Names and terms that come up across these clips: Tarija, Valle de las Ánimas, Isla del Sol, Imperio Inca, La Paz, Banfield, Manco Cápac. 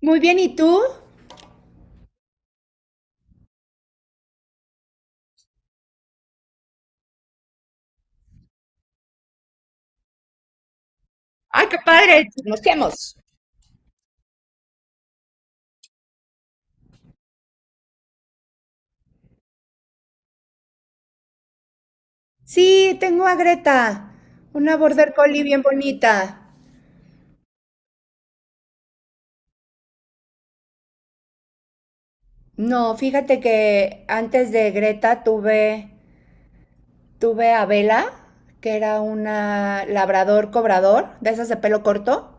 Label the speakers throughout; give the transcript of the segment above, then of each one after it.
Speaker 1: Muy bien, ¿y tú? ¡Ay, qué padre! ¡Nos conocemos! Sí, tengo a Greta, una border collie bien bonita. No, fíjate que antes de Greta tuve a Bella, que era una labrador cobrador, de esas de pelo corto.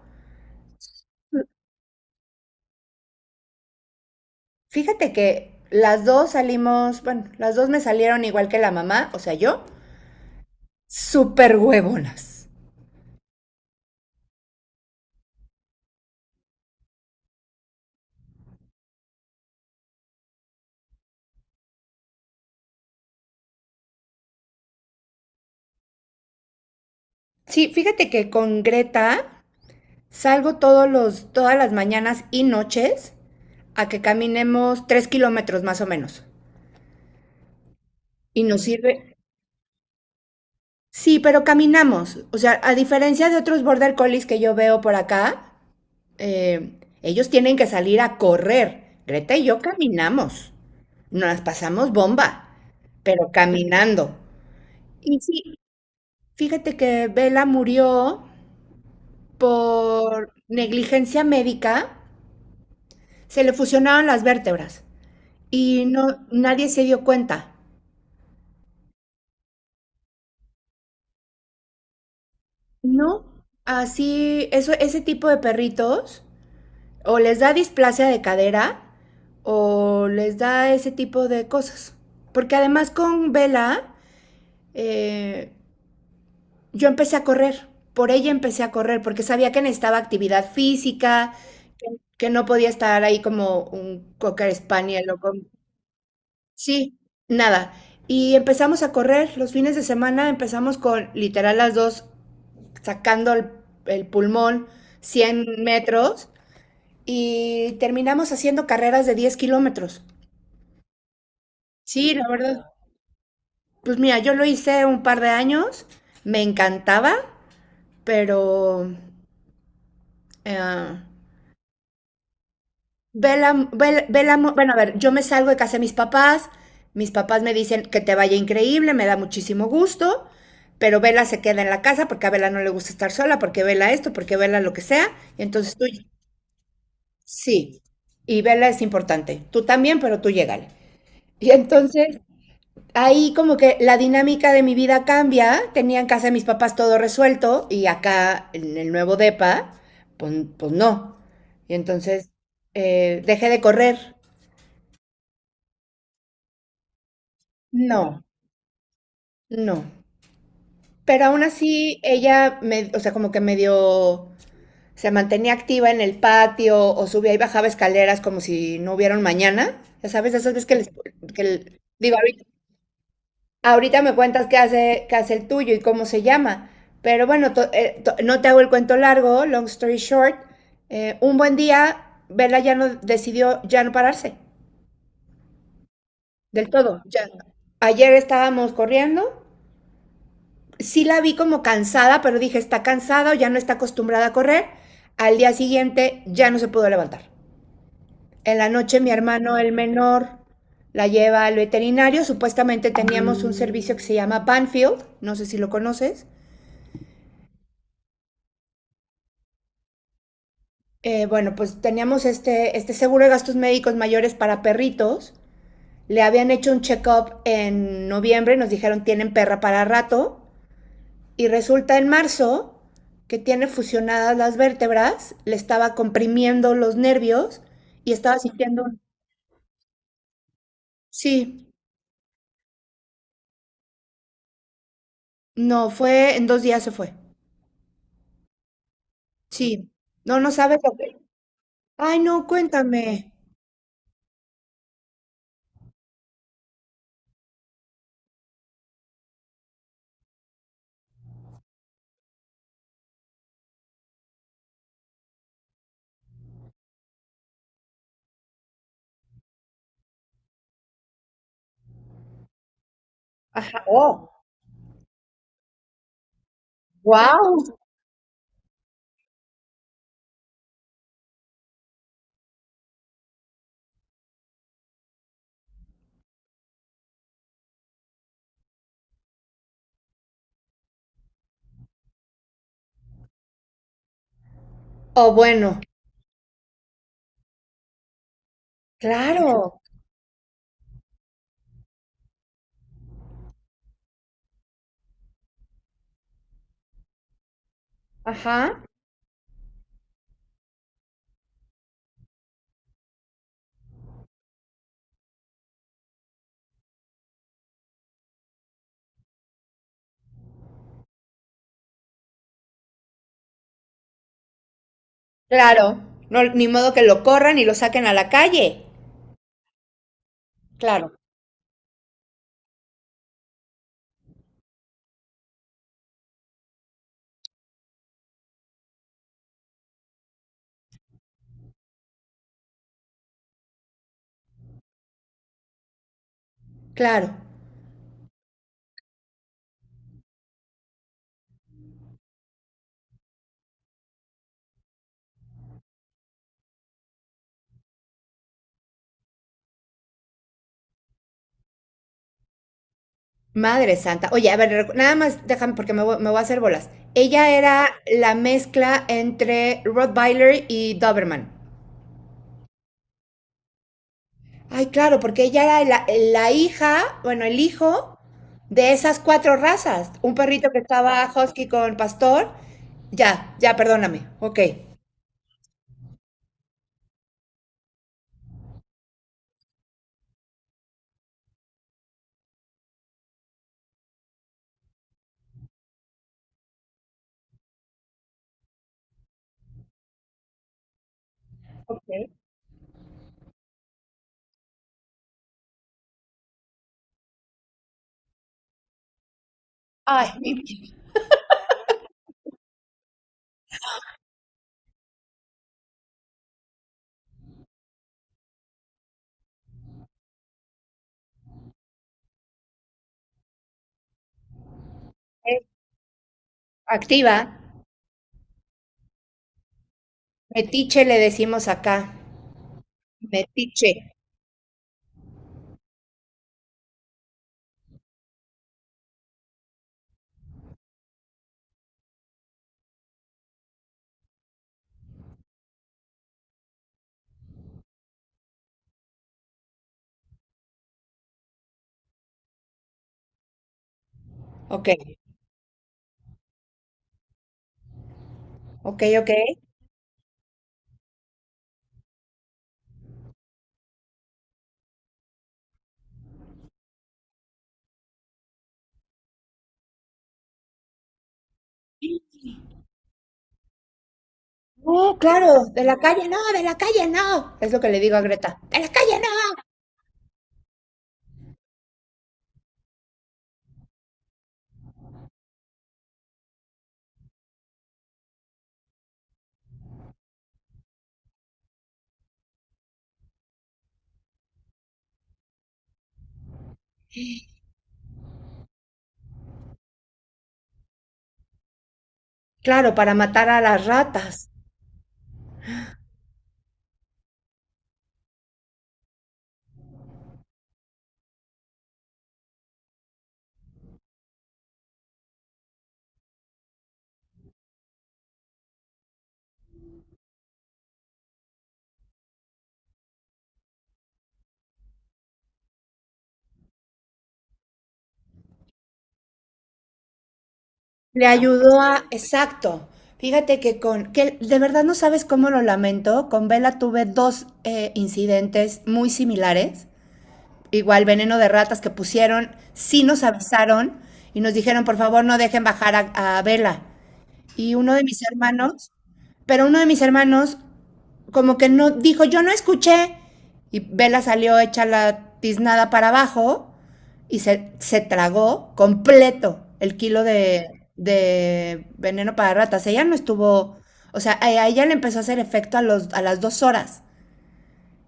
Speaker 1: Fíjate que las dos salimos, bueno, las dos me salieron igual que la mamá, o sea, yo, súper huevonas. Sí, fíjate que con Greta salgo todas las mañanas y noches a que caminemos 3 kilómetros más o menos. Y nos sirve. Sí, pero caminamos. O sea, a diferencia de otros border collies que yo veo por acá, ellos tienen que salir a correr. Greta y yo caminamos. Nos las pasamos bomba, pero caminando. Y sí, fíjate que Bella murió por negligencia médica. Se le fusionaron las vértebras. Y no, nadie se dio cuenta. No, así, eso, ese tipo de perritos o les da displasia de cadera o les da ese tipo de cosas. Porque además con Vela, eh, yo empecé a correr. Por ella empecé a correr porque sabía que necesitaba actividad física, que no podía estar ahí como un cocker spaniel o con. Sí, nada. Y empezamos a correr los fines de semana, empezamos con literal las dos sacando el pulmón 100 metros y terminamos haciendo carreras de 10 kilómetros. Sí, la verdad. Pues mira, yo lo hice un par de años, me encantaba, pero eh, bueno, a ver, yo me salgo de casa de mis papás me dicen que te vaya increíble, me da muchísimo gusto, pero Vela se queda en la casa porque a Vela no le gusta estar sola, porque Vela esto, porque Vela lo que sea, y entonces tú. Sí, y verla es importante. Tú también, pero tú llégale. Y entonces ahí como que la dinámica de mi vida cambia. Tenía en casa de mis papás todo resuelto y acá en el nuevo depa, pues, no. Y entonces dejé de correr. No, no. Pero aún así ella, me, o sea, como que medio se mantenía activa en el patio o subía y bajaba escaleras como si no hubiera un mañana. Ya sabes, esas veces que les. Digo, ahorita me cuentas qué hace el tuyo y cómo se llama. Pero bueno, no te hago el cuento largo, long story short. Un buen día, Vela ya no decidió ya no pararse del todo. Ya. Ayer estábamos corriendo. Sí la vi como cansada, pero dije, está cansada o ya no está acostumbrada a correr. Al día siguiente ya no se pudo levantar. En la noche mi hermano, el menor, la lleva al veterinario. Supuestamente teníamos un servicio que se llama Banfield, no sé si lo conoces. Bueno, pues teníamos este seguro de gastos médicos mayores para perritos. Le habían hecho un check-up en noviembre, nos dijeron tienen perra para rato. Y resulta en marzo que tiene fusionadas las vértebras, le estaba comprimiendo los nervios y estaba sintiendo un. Sí, no, fue en 2 días se fue. Sí, no, no sabes lo que. Ay, no, cuéntame. Ajá, oh, wow. Oh, bueno, claro. Ajá. Claro, no, ni modo que lo corran y lo saquen a la calle. Claro, claro. Madre santa. Oye, a ver, nada más déjame porque me voy, a hacer bolas. Ella era la mezcla entre Rottweiler y Doberman. Ay, claro, porque ella era la hija, bueno, el hijo de esas cuatro razas. Un perrito que estaba husky con pastor. Ya, ya, perdóname. Ok. Ok. Ay, mi vida. Activa. Metiche le decimos acá. Metiche. Ok, ok, ok. No, claro, de la calle no, de la calle no. Es lo que le digo a Greta. De la calle no. Claro, para matar a las ratas. Le ayudó a. Exacto. Fíjate que de verdad no sabes cómo lo lamento. Con Vela tuve dos incidentes muy similares. Igual veneno de ratas que pusieron, sí nos avisaron y nos dijeron, por favor, no dejen bajar a, Vela. Y uno de mis hermanos, pero uno de mis hermanos como que no, dijo, yo no escuché. Y Vela salió hecha la tiznada para abajo y se tragó completo el kilo de veneno para ratas. Ella no estuvo, o sea, a ella le empezó a hacer efecto a las 2 horas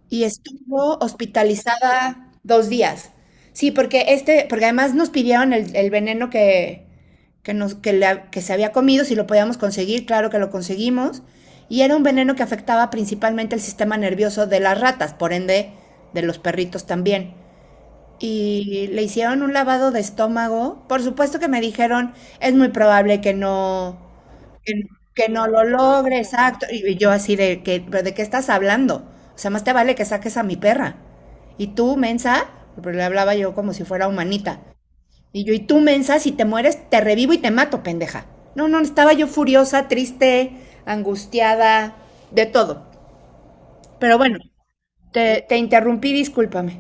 Speaker 1: y estuvo hospitalizada 2 días. Sí, porque porque además nos pidieron el veneno que, nos, que, le- que se había comido, si lo podíamos conseguir, claro que lo conseguimos. Y era un veneno que afectaba principalmente el sistema nervioso de las ratas, por ende de los perritos también. Y le hicieron un lavado de estómago. Por supuesto que me dijeron, es muy probable que no, que, que no lo logre, exacto. Y yo así de que, pero ¿de qué estás hablando? O sea, más te vale que saques a mi perra. Y tú, mensa, pero le hablaba yo como si fuera humanita. Y tú, mensa, si te mueres, te revivo y te mato, pendeja. No, no, estaba yo furiosa, triste, angustiada, de todo. Pero bueno, te interrumpí, discúlpame.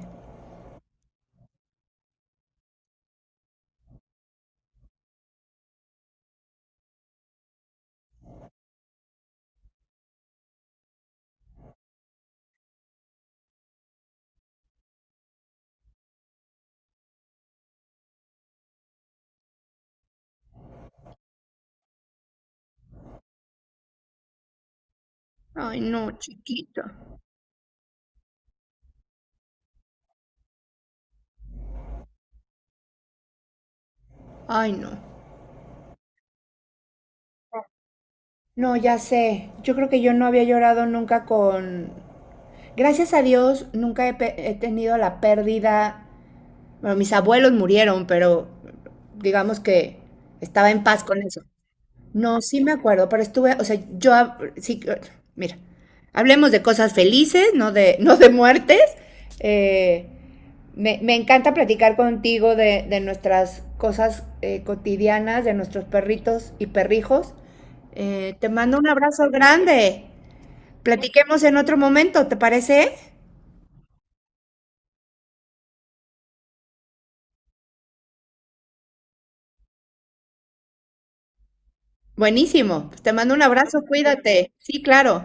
Speaker 1: Ay, no, chiquita. Ay, no. No, ya sé. Yo creo que yo no había llorado nunca con. Gracias a Dios nunca he tenido la pérdida. Bueno, mis abuelos murieron, pero digamos que estaba en paz con eso. No, sí me acuerdo, pero estuve, o sea, yo, sí, mira, hablemos de cosas felices, no de muertes. Eh, me encanta platicar contigo de nuestras cosas cotidianas, de nuestros perritos y perrijos. Te mando un abrazo grande. Platiquemos en otro momento, ¿te parece? Buenísimo. Pues te mando un abrazo, cuídate. Sí, claro.